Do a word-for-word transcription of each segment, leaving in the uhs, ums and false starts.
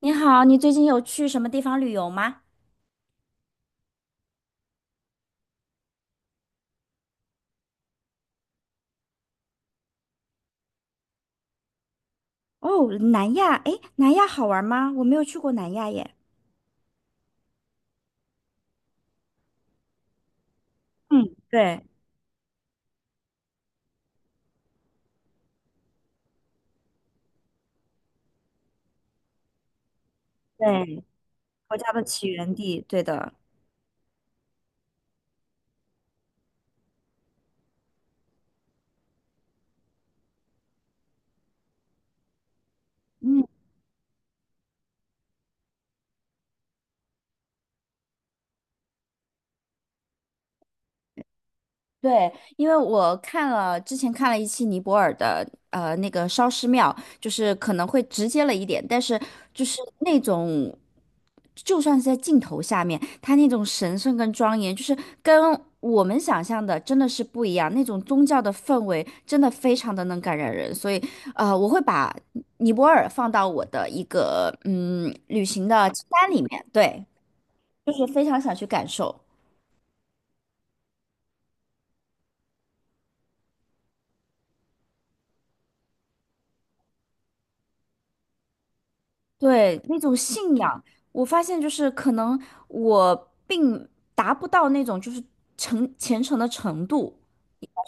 你好，你最近有去什么地方旅游吗？哦，南亚，哎，南亚好玩吗？我没有去过南亚耶。嗯，对对，国家的起源地，对的。嗯。对，因为我看了之前看了一期尼泊尔的呃那个烧尸庙，就是可能会直接了一点，但是就是那种，就算是在镜头下面，它那种神圣跟庄严，就是跟我们想象的真的是不一样，那种宗教的氛围真的非常的能感染人，所以呃，我会把尼泊尔放到我的一个嗯旅行的清单里面，对，就是非常想去感受。对，那种信仰，我发现就是可能我并达不到那种就是诚虔诚的程度，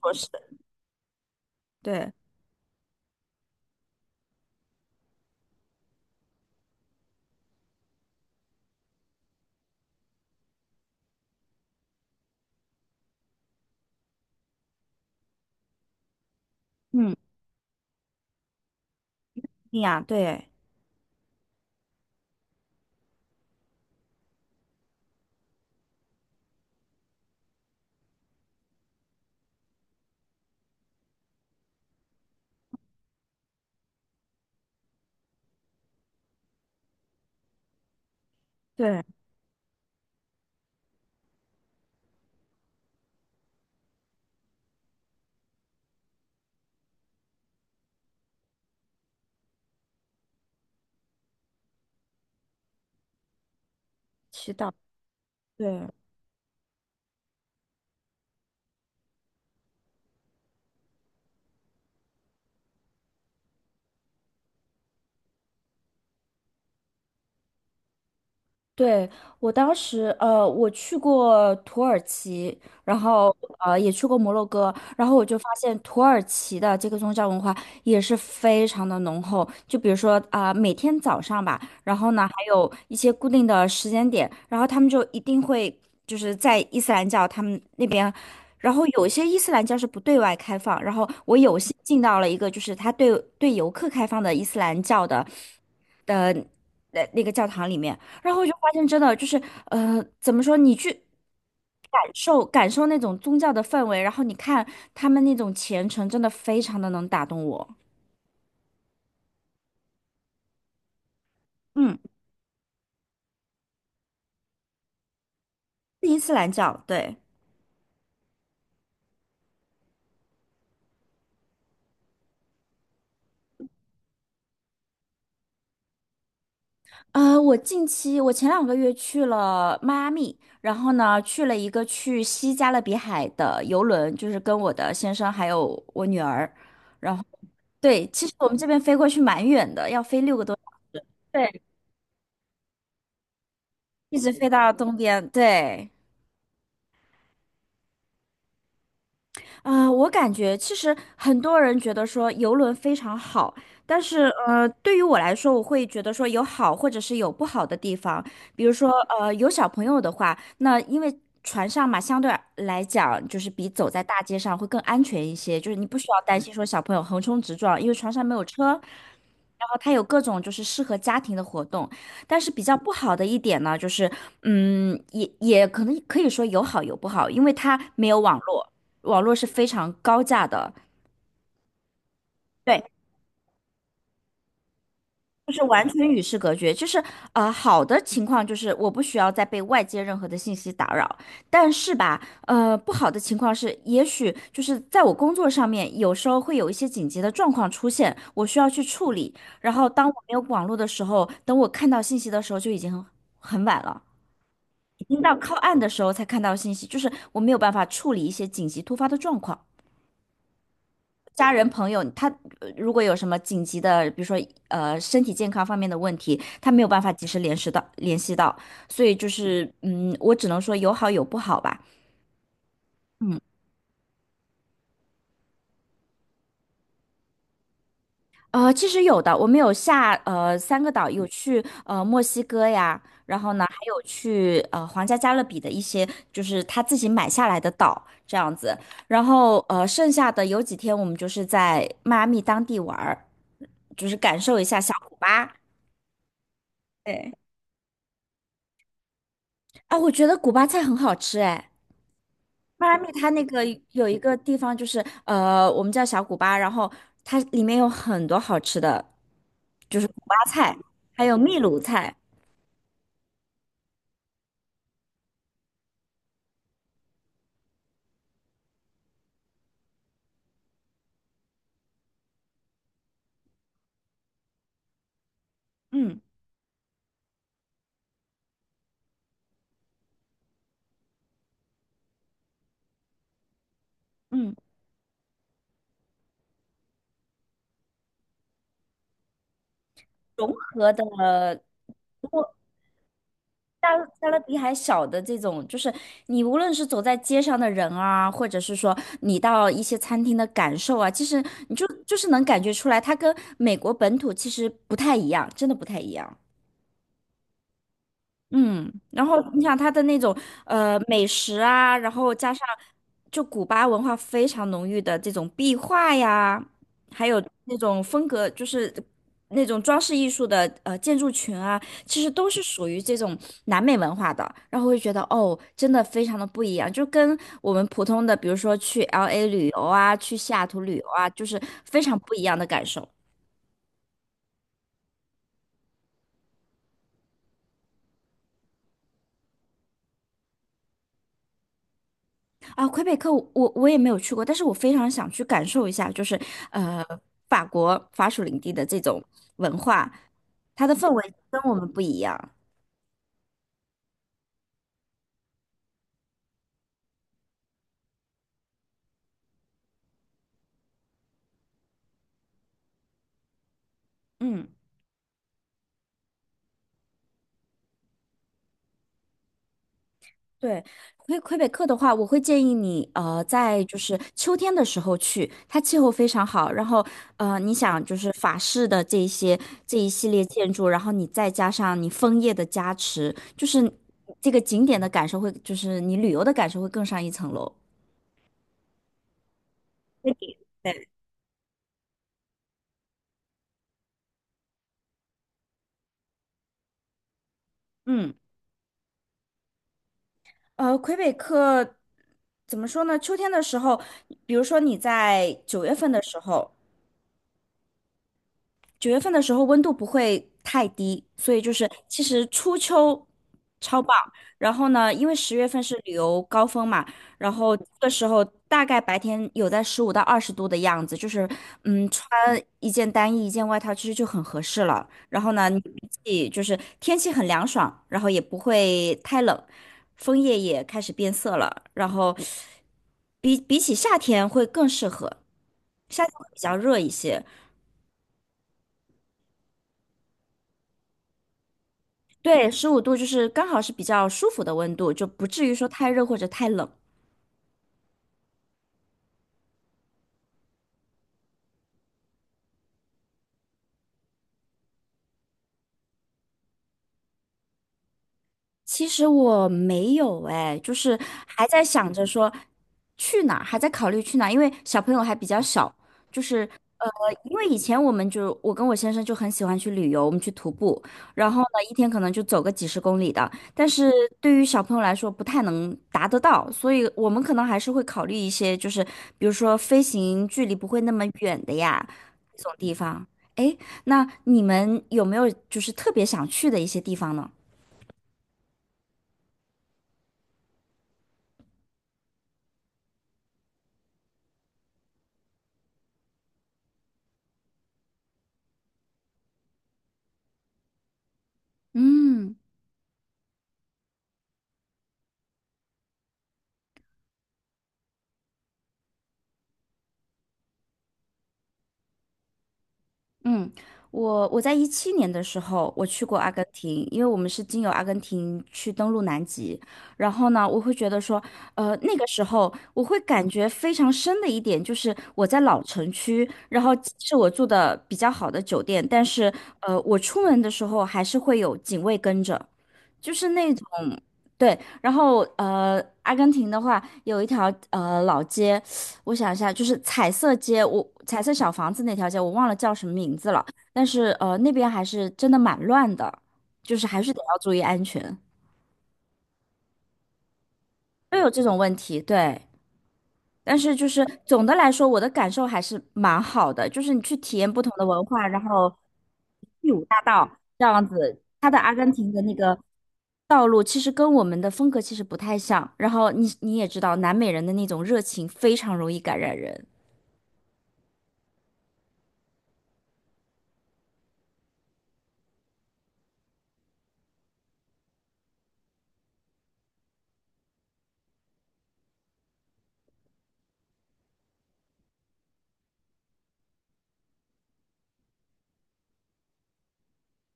说是对，嗯，信仰，对对，祈祷，对，对，我当时，呃，我去过土耳其，然后呃也去过摩洛哥，然后我就发现土耳其的这个宗教文化也是非常的浓厚。就比如说啊，每天早上吧，然后呢还有一些固定的时间点，然后他们就一定会就是在伊斯兰教他们那边，然后有些伊斯兰教是不对外开放，然后我有幸进到了一个就是他对对游客开放的伊斯兰教的的那那个教堂里面。然后我就发现真的就是，呃，怎么说？你去感受感受那种宗教的氛围，然后你看他们那种虔诚，真的非常的能打动我。嗯，是伊斯兰教，对。呃，我近期我前两个月去了迈阿密，然后呢去了一个去西加勒比海的游轮，就是跟我的先生还有我女儿，然后对，其实我们这边飞过去蛮远的，要飞六个多小时，对，一直飞到东边，对。啊，我感觉其实很多人觉得说游轮非常好，但是呃，对于我来说，我会觉得说有好或者是有不好的地方。比如说呃，有小朋友的话，那因为船上嘛，相对来讲就是比走在大街上会更安全一些，就是你不需要担心说小朋友横冲直撞，因为船上没有车。然后它有各种就是适合家庭的活动，但是比较不好的一点呢，就是嗯，也也可能可以说有好有不好，因为它没有网络。网络是非常高价的，对，就是完全与世隔绝。就是呃，好的情况就是我不需要再被外界任何的信息打扰，但是吧，呃，不好的情况是，也许就是在我工作上面，有时候会有一些紧急的状况出现，我需要去处理。然后当我没有网络的时候，等我看到信息的时候，就已经很很晚了，已经到靠岸的时候才看到信息，就是我没有办法处理一些紧急突发的状况。家人朋友，他呃如果有什么紧急的，比如说呃身体健康方面的问题，他没有办法及时联系到联系到，所以就是嗯，我只能说有好有不好吧。嗯，呃，其实有的，我们有下呃三个岛，有去呃墨西哥呀，然后呢还有去呃皇家加勒比的一些，就是他自己买下来的岛这样子，然后呃剩下的有几天我们就是在迈阿密当地玩儿，就是感受一下小古巴。对。啊，我觉得古巴菜很好吃哎。迈阿密它那个有一个地方就是呃，我们叫小古巴，然后它里面有很多好吃的，就是古巴菜，还有秘鲁菜，嗯嗯，融合的，如果加勒加勒比海小的这种，就是你无论是走在街上的人啊，或者是说你到一些餐厅的感受啊，其实你就就是能感觉出来，它跟美国本土其实不太一样，真的不太一样。嗯，然后你想它的那种呃美食啊，然后加上就古巴文化非常浓郁的这种壁画呀，还有那种风格，就是那种装饰艺术的呃建筑群啊，其实都是属于这种南美文化的，然后会觉得哦，真的非常的不一样，就跟我们普通的，比如说去 L A 旅游啊，去西雅图旅游啊，就是非常不一样的感受。啊，魁北克我我也没有去过，但是我非常想去感受一下，就是呃法国法属领地的这种文化，它的氛围跟我们不一样。嗯，对，魁魁北克的话，我会建议你呃在就是秋天的时候去，它气候非常好，然后呃你想就是法式的这一些这一系列建筑，然后你再加上你枫叶的加持，就是这个景点的感受会，就是你旅游的感受会更上一层楼。嗯。呃，魁北克怎么说呢？秋天的时候，比如说你在九月份的时候，九月份的时候温度不会太低，所以就是其实初秋超棒。然后呢，因为十月份是旅游高峰嘛，然后这个时候大概白天有在十五到二十度的样子，就是嗯，穿一件单衣一件外套其实就很合适了。然后呢，你自己就是天气很凉爽，然后也不会太冷，枫叶也开始变色了，然后比比起夏天会更适合，夏天会比较热一些。对，十五度就是刚好是比较舒服的温度，就不至于说太热或者太冷。其实我没有哎，就是还在想着说去哪儿，还在考虑去哪儿，因为小朋友还比较小，就是呃，因为以前我们就我跟我先生就很喜欢去旅游，我们去徒步，然后呢一天可能就走个几十公里的，但是对于小朋友来说不太能达得到，所以我们可能还是会考虑一些，就是比如说飞行距离不会那么远的呀，这种地方。哎，那你们有没有就是特别想去的一些地方呢？嗯。嗯，我我在一七年的时候，我去过阿根廷，因为我们是经由阿根廷去登陆南极。然后呢，我会觉得说，呃，那个时候我会感觉非常深的一点就是，我在老城区，然后是我住的比较好的酒店，但是呃，我出门的时候还是会有警卫跟着，就是那种。对，然后呃，阿根廷的话有一条呃老街，我想一下，就是彩色街，我彩色小房子那条街，我忘了叫什么名字了。但是呃，那边还是真的蛮乱的，就是还是得要注意安全，都有这种问题。对，但是就是总的来说，我的感受还是蛮好的，就是你去体验不同的文化，然后第五大道这样子，它的阿根廷的那个道路其实跟我们的风格其实不太像。然后你你也知道，南美人的那种热情非常容易感染人。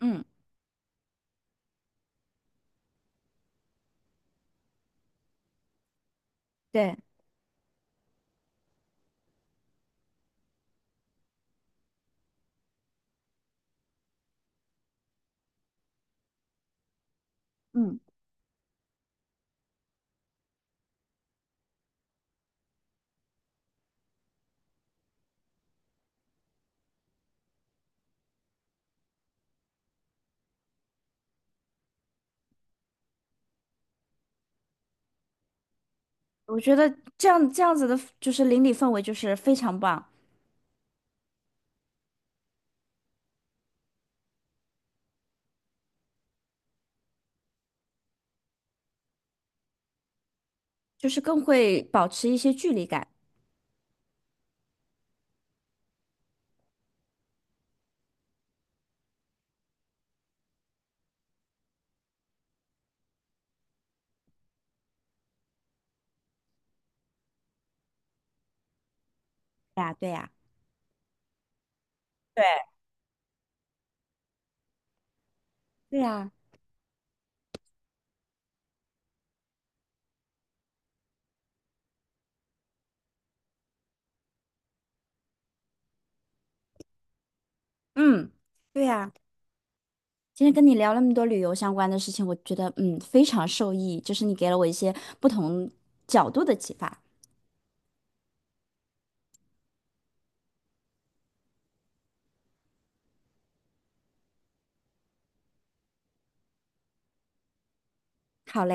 嗯，对，嗯。我觉得这样这样子的，就是邻里氛围就是非常棒，就是更会保持一些距离感。对呀，对呀，对，对呀，嗯，对呀。今天跟你聊那么多旅游相关的事情，我觉得嗯非常受益，就是你给了我一些不同角度的启发。好嘞。